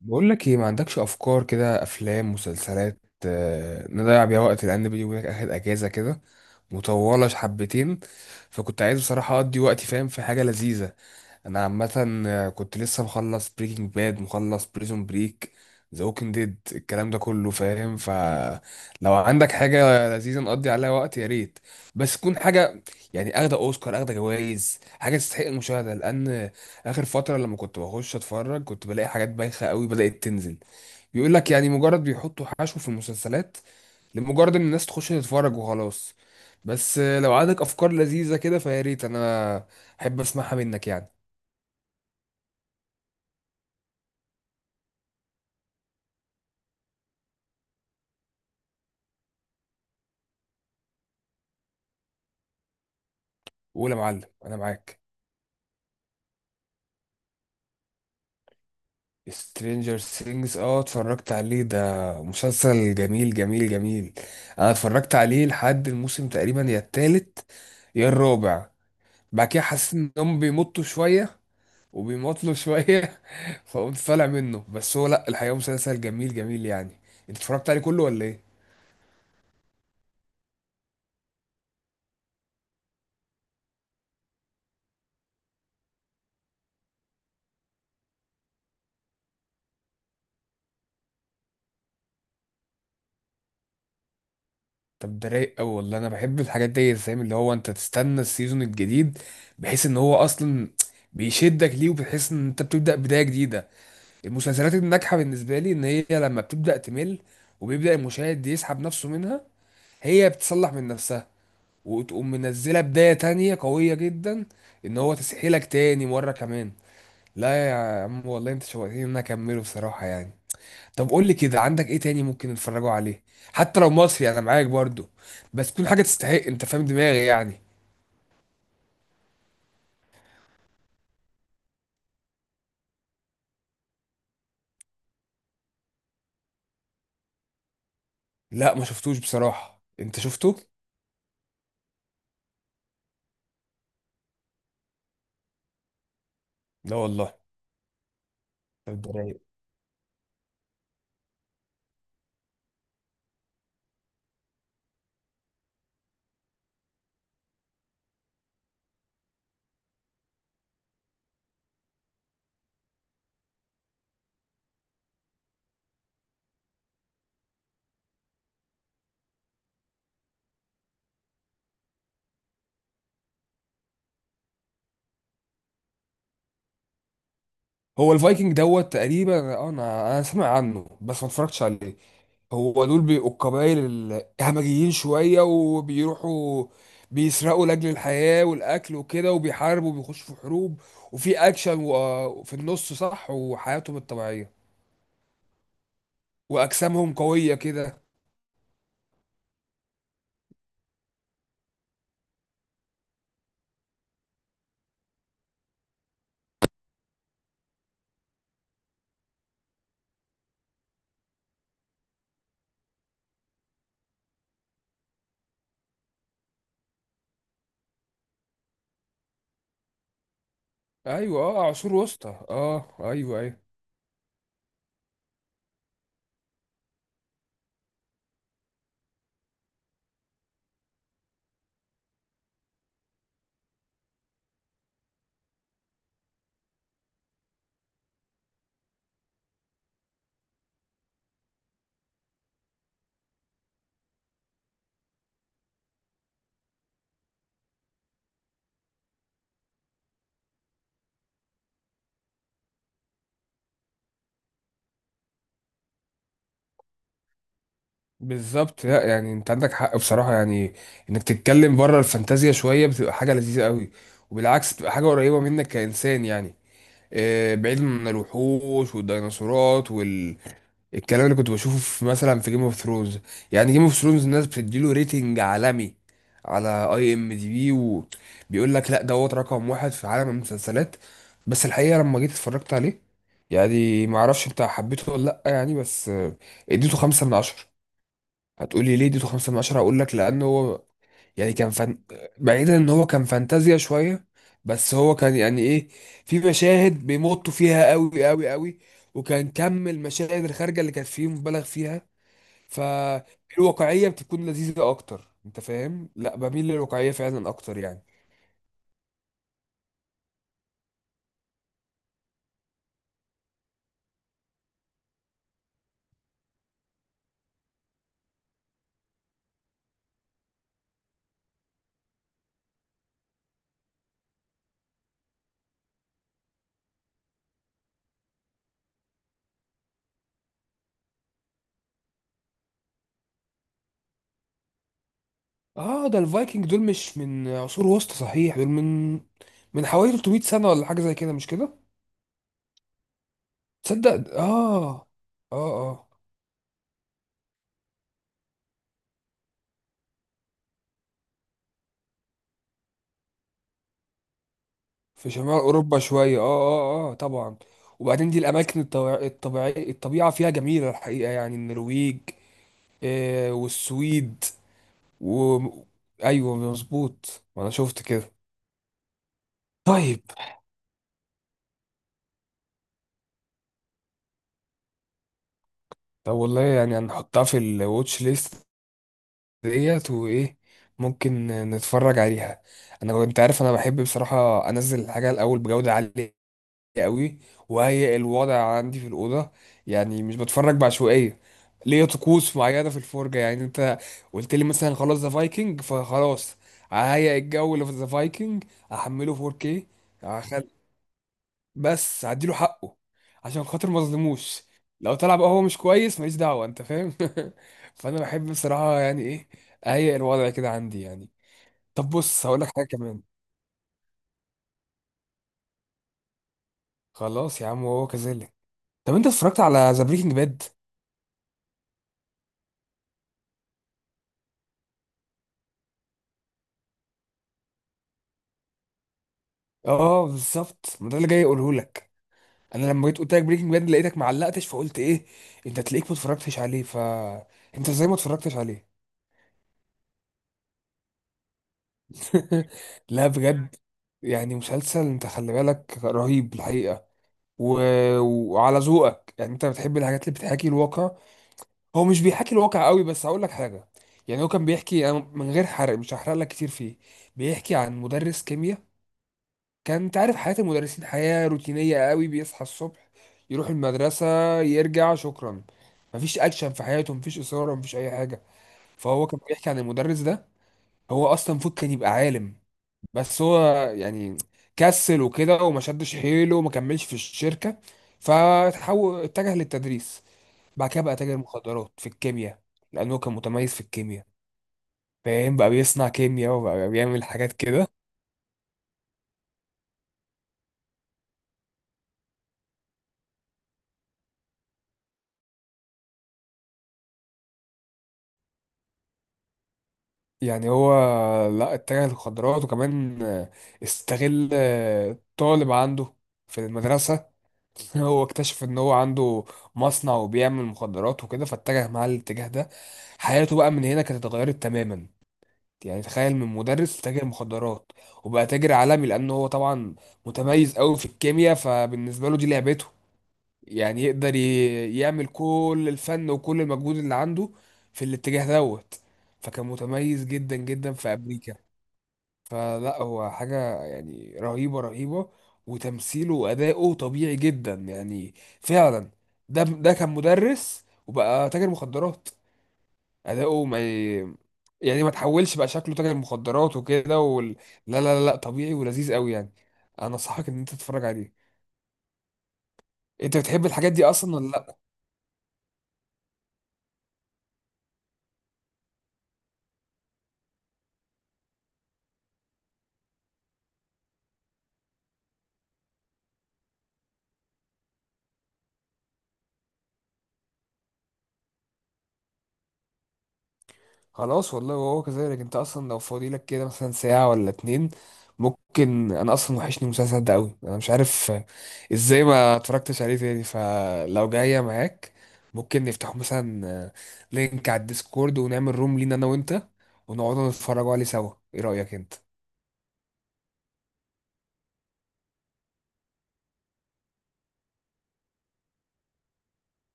بقول لك ايه، ما عندكش افكار كده؟ افلام، مسلسلات. نضيع بيها وقت، لان بيني وبينك اخد اجازه كده مطوله حبتين. فكنت عايز بصراحه اقضي وقتي، فاهم، في حاجه لذيذه. انا عامه كنت لسه مخلص بريكنج باد، مخلص بريزون بريك، ذا ووكينج ديد، الكلام ده كله فاهم. فلو عندك حاجه لذيذه نقضي عليها وقت، يا ريت. بس تكون حاجه يعني اخده اوسكار، اخده جوائز، حاجه تستحق المشاهده، لان اخر فتره لما كنت بخش اتفرج كنت بلاقي حاجات بايخه قوي بدات تنزل، بيقول لك، يعني مجرد بيحطوا حشو في المسلسلات لمجرد ان الناس تخش تتفرج وخلاص. بس لو عندك افكار لذيذه كده، فيا ريت انا احب اسمعها منك يعني. قول يا معلم، انا معاك. سترينجر سينجز، اه اتفرجت عليه، ده مسلسل جميل جميل جميل. انا اتفرجت عليه لحد الموسم تقريبا يا التالت يا الرابع. بعد كده حسيت انهم بيمطوا شويه وبيمطله شوية فقمت طالع منه، بس هو لأ، الحقيقة مسلسل جميل جميل يعني. انت اتفرجت عليه كله ولا ايه؟ طب ده رايق أوي والله، أنا بحب الحاجات دي فاهم، اللي هو انت تستنى السيزون الجديد، بحيث ان هو أصلا بيشدك ليه، وبتحس ان انت بتبدأ بداية جديدة. المسلسلات الناجحة بالنسبة لي ان هي لما بتبدأ تمل وبيبدأ المشاهد يسحب نفسه منها، هي بتصلح من نفسها وتقوم منزلة بداية تانية قوية جدا، ان هو تسحيلك تاني مرة كمان. لا يا عم والله انت شوقتني ان انا اكمله بصراحه يعني. طب قول لي كده، عندك ايه تاني ممكن نتفرجوا عليه، حتى لو مصري انا معاك برضو، بس تكون حاجه تستحق، انت فاهم دماغي يعني. لا، ما شفتوش بصراحه، انت شفته؟ لا والله. طب ده رايق. هو الفايكنج دوت تقريبا، اه انا سامع عنه بس ما اتفرجتش عليه. هو دول بيبقوا القبائل الهمجيين شوية، وبيروحوا بيسرقوا لأجل الحياة والأكل وكده، وبيحاربوا وبيخشوا في حروب وفي أكشن، في النص صح، وحياتهم الطبيعية وأجسامهم قوية كده. أيوة، أه عصور وسطى، أه أيوة أيوة. بالظبط، لا يعني أنت عندك حق بصراحة يعني، إنك تتكلم بره الفانتازيا شوية بتبقى حاجة لذيذة قوي، وبالعكس بتبقى حاجة قريبة منك كإنسان يعني. بعيد من الوحوش والديناصورات، الكلام اللي كنت بشوفه في مثلا في جيم اوف ثرونز. يعني جيم اوف ثرونز الناس بتديله ريتنج عالمي على اي ام دي بي، وبيقول لك لا دوت رقم واحد في عالم المسلسلات. بس الحقيقه لما جيت اتفرجت عليه يعني، ما اعرفش انت حبيته ولا لا يعني، بس اديته 5/10. هتقولي ليه اديته 5/10؟ هقول لك لانه هو يعني كان بعيدا ان هو كان فانتازيا شويه، بس هو كان يعني ايه، في مشاهد بيمطوا فيها قوي قوي قوي، وكان كم المشاهد الخارجه اللي كانت فيه مبالغ فيها. فالواقعيه بتكون لذيذه اكتر، انت فاهم، لا بميل للواقعيه فعلا اكتر يعني. اه ده الفايكنج دول مش من عصور وسطى صحيح، دول من حوالي 300 سنه ولا حاجه زي كده، مش كده؟ تصدق اه اه اه. في شمال اوروبا شويه، اه اه اه طبعا. وبعدين دي الاماكن الطبيعيه، الطبيعه فيها جميله الحقيقه يعني، النرويج والسويد و... ايوه مظبوط، ما انا شفت كده. طيب. طب والله يعني هنحطها في الواتش ليست ديت، وايه، ممكن نتفرج عليها. انا انت عارف انا بحب بصراحه انزل الحاجه الاول بجوده عاليه قوي، وهي الوضع عندي في الأوضة، يعني مش بتفرج بعشوائية، ليا طقوس معينة في الفرجة. يعني انت قلت لي مثلا خلاص ذا فايكنج، فخلاص ههيئ الجو اللي في ذا فايكنج، احمله 4K، هخل- بس هديله حقه عشان خاطر ما اظلموش. لو طلع بقى هو مش كويس ماليش دعوة، انت فاهم فانا بحب بصراحة يعني ايه، اهيئ الوضع كده عندي يعني. طب بص هقول لك حاجة كمان، خلاص يا عم وهو كذلك. طب انت اتفرجت على ذا بريكنج باد؟ اه بالظبط، ما ده اللي جاي اقوله لك. انا لما جيت قلت لك بريكنج باد لقيتك معلقتش، فقلت ايه انت، تلاقيك ما اتفرجتش عليه، ف انت ازاي ما اتفرجتش عليه؟ لا بجد، يعني مسلسل انت خلي بالك رهيب الحقيقه، و... وعلى ذوقك يعني، انت بتحب الحاجات اللي بتحاكي الواقع. هو مش بيحاكي الواقع قوي، بس هقول لك حاجه. يعني هو كان بيحكي، أنا من غير حرق مش هحرق لك كتير فيه، بيحكي عن مدرس كيمياء. كان انت عارف حياة المدرسين حياة روتينية قوي، بيصحى الصبح يروح المدرسة يرجع، شكرا، مفيش اكشن في حياته، مفيش اثارة، مفيش اي حاجة. فهو كان بيحكي عن المدرس ده، هو اصلا المفروض كان يبقى عالم، بس هو يعني كسل وكده وما شدش حيله وما كملش في الشركة، فتحول اتجه للتدريس. بعد كده بقى تاجر مخدرات في الكيمياء، لانه كان متميز في الكيمياء فاهم، بقى بيصنع كيمياء وبقى بيعمل حاجات كده. يعني هو، لا، اتجه للمخدرات، وكمان استغل طالب عنده في المدرسة هو اكتشف ان هو عنده مصنع وبيعمل مخدرات وكده، فاتجه معاه الاتجاه ده. حياته بقى من هنا كانت اتغيرت تماما. يعني تخيل، من مدرس تاجر مخدرات، وبقى تاجر عالمي، لانه هو طبعا متميز قوي في الكيمياء، فبالنسبة له دي لعبته، يعني يقدر يعمل كل الفن وكل المجهود اللي عنده في الاتجاه دوت. فكان متميز جدا جدا في أمريكا، فلا هو حاجة يعني رهيبة رهيبة، وتمثيله وأداؤه طبيعي جدا يعني، فعلا ده كان مدرس وبقى تاجر مخدرات، أداؤه ما ي- يعني ما تحولش بقى شكله تاجر مخدرات وكده لا لا لا لا، طبيعي ولذيذ قوي يعني. انا انصحك ان انت تتفرج عليه، انت بتحب الحاجات دي اصلا ولا لا؟ خلاص والله وهو كذلك. انت اصلا لو فاضي لك كده مثلا ساعة ولا اتنين، ممكن، انا اصلا وحشني المسلسل ده قوي، انا مش عارف ازاي ما اتفرجتش عليه تاني. فلو جاية معاك، ممكن نفتح مثلا لينك على الديسكورد، ونعمل روم لينا انا وانت، ونقعد نتفرجوا عليه سوا، ايه رأيك انت؟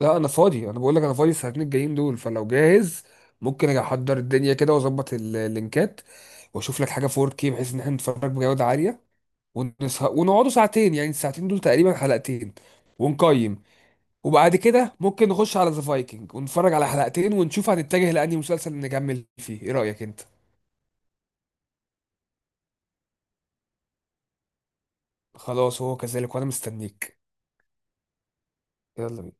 لا انا فاضي، انا بقول لك انا فاضي الساعتين الجايين دول، فلو جاهز ممكن اجي احضر الدنيا كده، واظبط اللينكات، واشوف لك حاجة 4K بحيث ان احنا نتفرج بجودة عالية، ونقعدوا ساعتين، يعني الساعتين دول تقريبا حلقتين ونقيم. وبعد كده ممكن نخش على ذا فايكنج ونتفرج على حلقتين، ونشوف هنتجه لأنهي مسلسل نكمل فيه، ايه رأيك انت؟ خلاص هو كذلك، وانا مستنيك. يلا بينا.